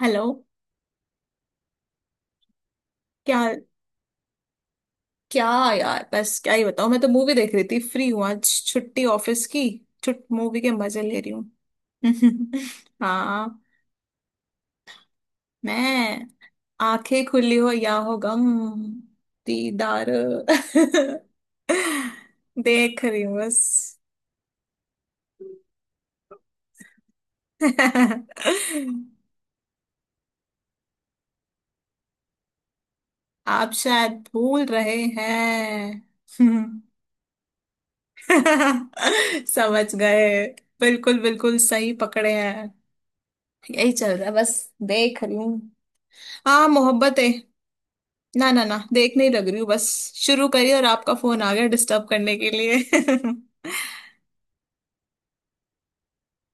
Hello. क्या क्या? यार बस क्या ही बताऊं, मैं तो मूवी देख रही थी। फ्री हूँ आज, छुट्टी ऑफिस की। छुट मूवी के मजे ले रही हूँ। हाँ। मैं आंखें खुली हो या हो गम दीदार देख रही हूँ बस। आप शायद भूल रहे हैं। समझ गए। बिल्कुल बिल्कुल सही पकड़े हैं। यही चल रहा है बस। देख रही हूँ। हाँ मोहब्बत है। ना ना ना, देख नहीं लग रही हूँ बस। शुरू करी और आपका फोन आ गया डिस्टर्ब करने के लिए।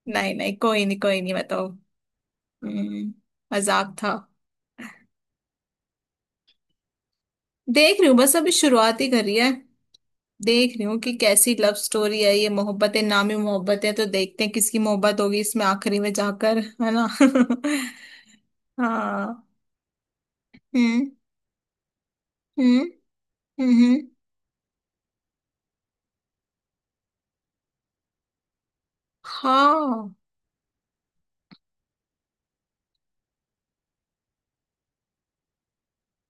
नहीं नहीं, कोई नहीं, बताओ। हम्म, मजाक था। देख रही हूँ बस, अभी शुरुआत ही करी है। देख रही हूँ कि कैसी लव स्टोरी है ये। मोहब्बतें नामी मोहब्बतें, तो देखते हैं किसकी मोहब्बत होगी इसमें आखिरी में जाकर, है ना। हाँ। हम्म हम्म हम्म हम्म। हाँ,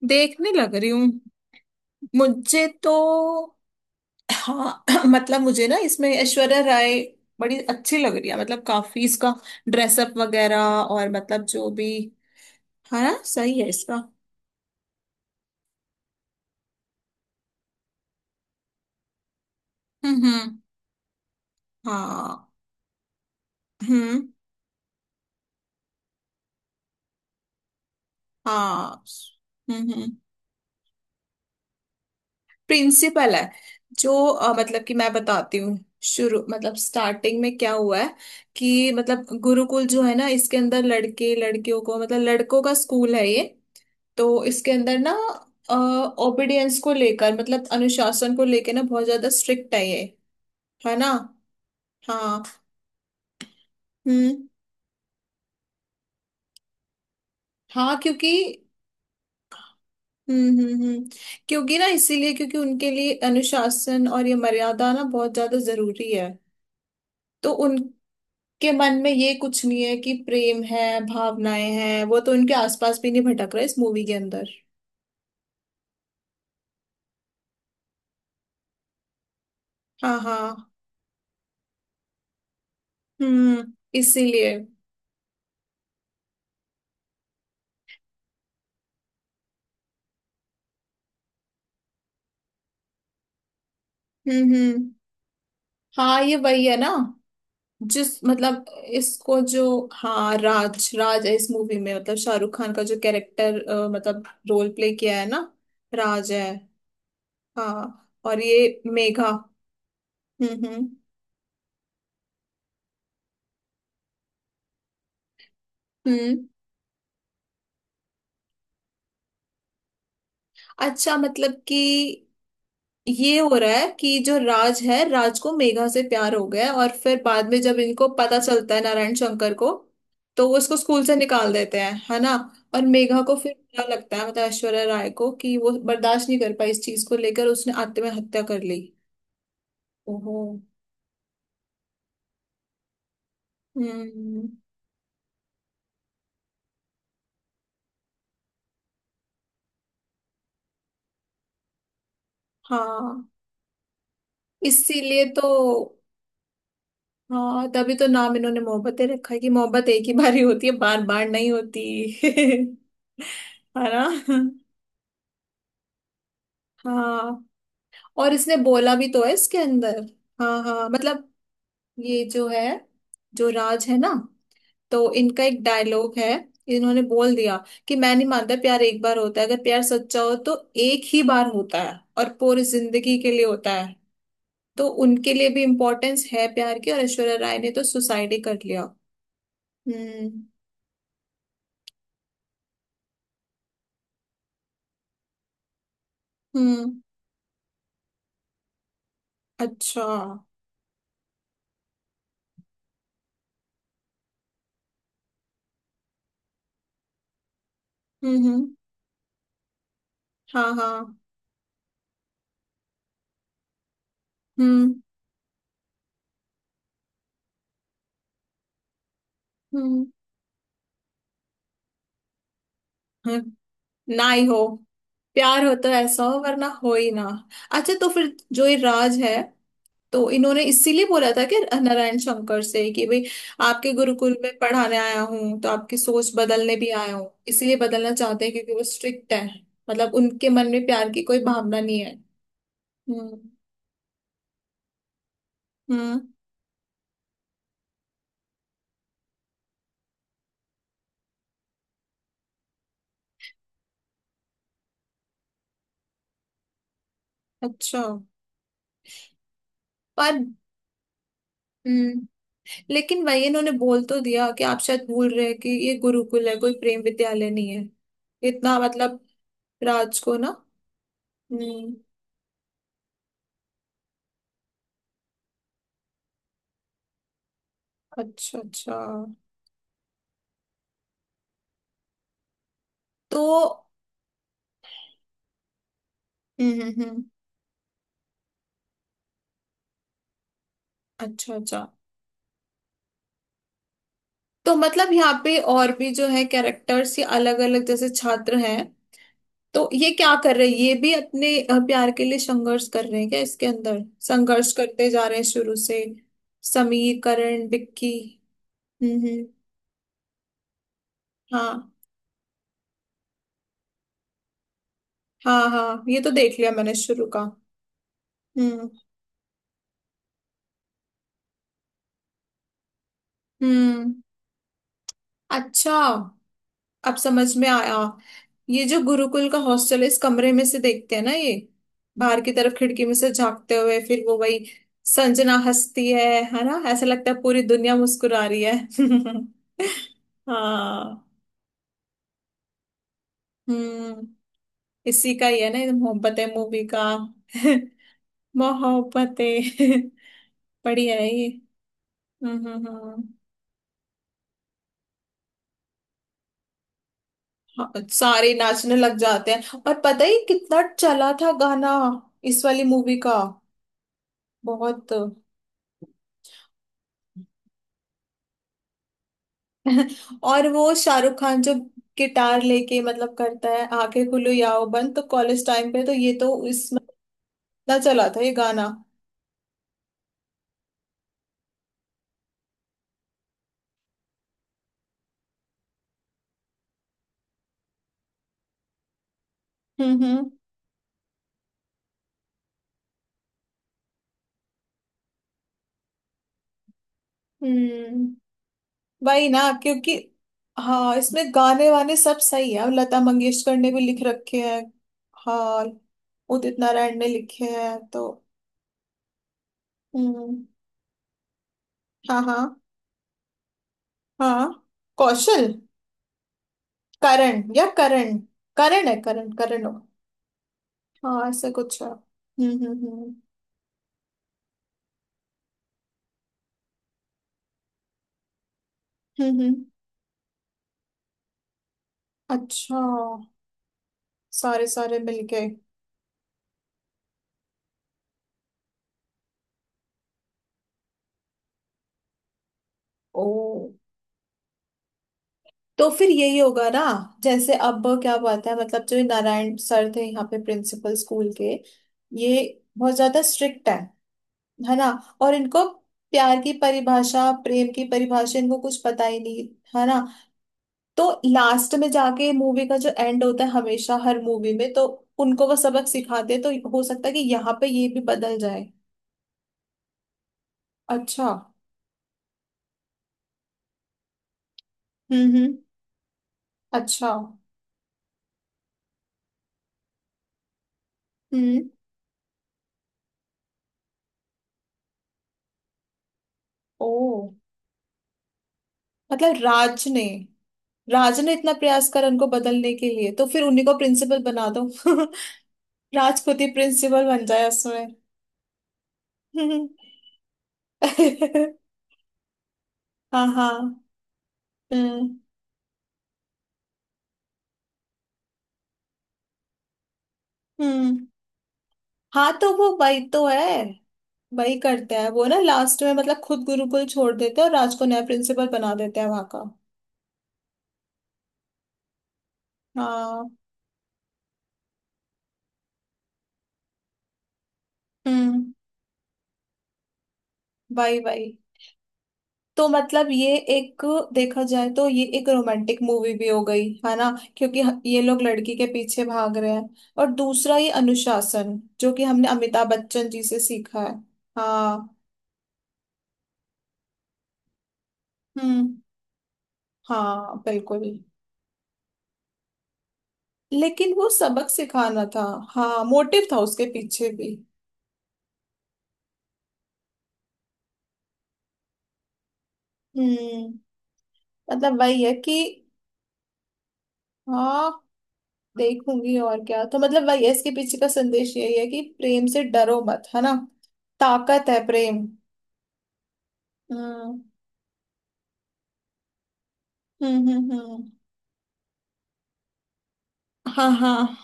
देखने लग रही हूँ। मुझे तो हाँ मतलब मुझे ना इसमें ऐश्वर्या राय बड़ी अच्छी लग रही है। मतलब काफी इसका ड्रेसअप वगैरह, और मतलब जो भी है ना, सही है इसका। हम्म हम्म हाँ। हम्म हाँ। हम्म हम्म प्रिंसिपल है जो मतलब कि मैं बताती हूँ शुरू, मतलब स्टार्टिंग में क्या हुआ है। कि मतलब गुरुकुल जो है ना, इसके अंदर लड़के लड़कियों को, मतलब लड़कों का स्कूल है ये। तो इसके अंदर ना ओबीडियंस को लेकर, मतलब अनुशासन को लेकर ना बहुत ज्यादा स्ट्रिक्ट है ये, है ना। हाँ। हम्म हाँ क्योंकि हम्म हम्म हम्म क्योंकि ना, इसीलिए क्योंकि उनके लिए अनुशासन और ये मर्यादा ना बहुत ज्यादा जरूरी है। तो उनके मन में ये कुछ नहीं है कि प्रेम है, भावनाएं हैं, वो तो उनके आसपास भी नहीं भटक रहा इस मूवी के अंदर। हाँ हाँ। हम्म इसीलिए हम्म हम्म हाँ, ये वही है ना, जिस मतलब इसको जो हाँ, राज राज है इस मूवी में, मतलब शाहरुख खान का जो कैरेक्टर, मतलब रोल प्ले किया है ना, राज है। हाँ और ये मेघा। हम्म हम्म हम्म अच्छा मतलब कि ये हो रहा है कि जो राज है, राज को मेघा से प्यार हो गया है। और फिर बाद में जब इनको पता चलता है, नारायण शंकर को, तो वो उसको स्कूल से निकाल देते हैं, है ना। और मेघा को फिर बुरा लगता है, मतलब ऐश्वर्या राय को, कि वो बर्दाश्त नहीं कर पाई इस चीज को लेकर, उसने आत्महत्या कर ली। ओहो। हम्म हाँ, इसीलिए तो। हाँ, तभी तो नाम इन्होंने मोहब्बतें रखा है कि मोहब्बत एक ही बारी होती है, बार बार नहीं होती। है ना। हाँ, और इसने बोला भी तो है इसके अंदर। हाँ हाँ, मतलब ये जो है, जो राज है ना, तो इनका एक डायलॉग है, इन्होंने बोल दिया कि मैं नहीं मानता प्यार एक बार होता है। अगर प्यार सच्चा हो तो एक ही बार होता है और पूरी जिंदगी के लिए होता है। तो उनके लिए भी इम्पोर्टेंस है प्यार की, और ऐश्वर्या राय ने तो सुसाइड ही कर लिया। हम्म हम्म अच्छा। हम्म हाँ हाँ। हम्म हम्म हाँ, ना ही हो। प्यार हो तो ऐसा हो, वरना हो ही ना। अच्छा, तो फिर जो ये राज है, तो इन्होंने इसीलिए बोला था कि नारायण शंकर से कि भाई, आपके गुरुकुल में पढ़ाने आया हूँ तो आपकी सोच बदलने भी आया हूँ, इसीलिए बदलना चाहते हैं क्योंकि वो स्ट्रिक्ट है, मतलब उनके मन में प्यार की कोई भावना नहीं है। हम्म हम्म अच्छा। पर हम्म लेकिन वही इन्होंने बोल तो दिया कि आप शायद भूल रहे हैं कि ये गुरुकुल है, कोई प्रेम विद्यालय नहीं है। इतना मतलब राज को ना हम्म अच्छा अच्छा। तो हम्म हम्म हम्म, अच्छा अच्छा। तो मतलब यहाँ पे और भी जो है कैरेक्टर्स ये अलग अलग, जैसे छात्र हैं, तो ये क्या कर रहे हैं, ये भी अपने प्यार के लिए संघर्ष कर रहे हैं क्या इसके अंदर, संघर्ष करते जा रहे हैं शुरू से। समीर करण विक्की। हम्म हम्म हाँ हाँ, हाँ ये तो देख लिया मैंने शुरू का। हम्म हम्म अच्छा, अब समझ में आया। ये जो गुरुकुल का हॉस्टल है, इस कमरे में से देखते हैं ना ये, बाहर की तरफ खिड़की में से झांकते हुए, फिर वो वही संजना हंसती है ना। ऐसा लगता है पूरी दुनिया मुस्कुरा रही है। हाँ। हम्म इसी का ही है ना ये मोहब्बतें मूवी का। मोहब्बतें। बढ़िया है ये। हम्म हम्म हम्म। हाँ, सारे नाचने लग जाते हैं। और पता ही कितना चला था गाना इस वाली मूवी का, बहुत। और वो शाहरुख खान जो गिटार लेके, मतलब करता है आंखें खुलो या हो बंद, तो कॉलेज टाइम पे तो ये तो इसमें इतना चला था ये गाना। हम्म हम्म हम्म वही ना, क्योंकि हाँ इसमें गाने वाने सब सही है। अब लता मंगेशकर ने भी लिख रखे हैं। हाँ उदित नारायण ने लिखे हैं तो हम्म हाँ हाँ। हाँ कौशल। करण या करण, करण है, करण करण हो। हाँ ऐसा कुछ है। हम्म हम्म अच्छा। सारे सारे मिलके। ओ, तो फिर यही होगा ना। जैसे अब क्या बात है, मतलब जो ये नारायण सर थे यहाँ पे प्रिंसिपल स्कूल के, ये बहुत ज्यादा स्ट्रिक्ट है ना। और इनको प्यार की परिभाषा, प्रेम की परिभाषा इनको कुछ पता ही नहीं, है ना। तो लास्ट में जाके मूवी का जो एंड होता है हमेशा हर मूवी में, तो उनको वो सबक सिखाते हैं, तो हो सकता है कि यहाँ पे ये भी बदल जाए। अच्छा। हम्म हम्म अच्छा। हम्म ओ, मतलब राज ने इतना प्रयास करा उनको बदलने के लिए, तो फिर उन्हीं को प्रिंसिपल बना दो। राज खुद ही प्रिंसिपल बन जाए उसमें। हाँ हाँ। हम्म हम्म हाँ तो वो वही तो है। वही करते हैं वो ना लास्ट में, मतलब खुद गुरुकुल छोड़ देते हैं और राज को नया प्रिंसिपल बना देते हैं वहां का। हाँ। हम्म वही वही। तो मतलब ये एक, देखा जाए तो ये एक रोमांटिक मूवी भी हो गई है ना, क्योंकि ये लोग लड़की के पीछे भाग रहे हैं। और दूसरा ये अनुशासन जो कि हमने अमिताभ बच्चन जी से सीखा है। हाँ। हम्म हाँ बिल्कुल। लेकिन वो सबक सिखाना था। हाँ, मोटिव था उसके पीछे भी। हम्म मतलब वही है कि हाँ, देखूंगी। और क्या, तो मतलब वही है, इसके पीछे का संदेश यही है कि प्रेम से डरो मत, है ना। ताकत है प्रेम। हम्म हम्म हम्म हम्म हाँ हाँ,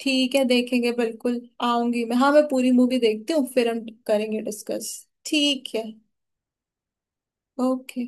ठीक है देखेंगे बिल्कुल। आऊंगी मैं, हाँ मैं पूरी मूवी देखती हूँ, फिर हम करेंगे डिस्कस। ठीक है। ओके।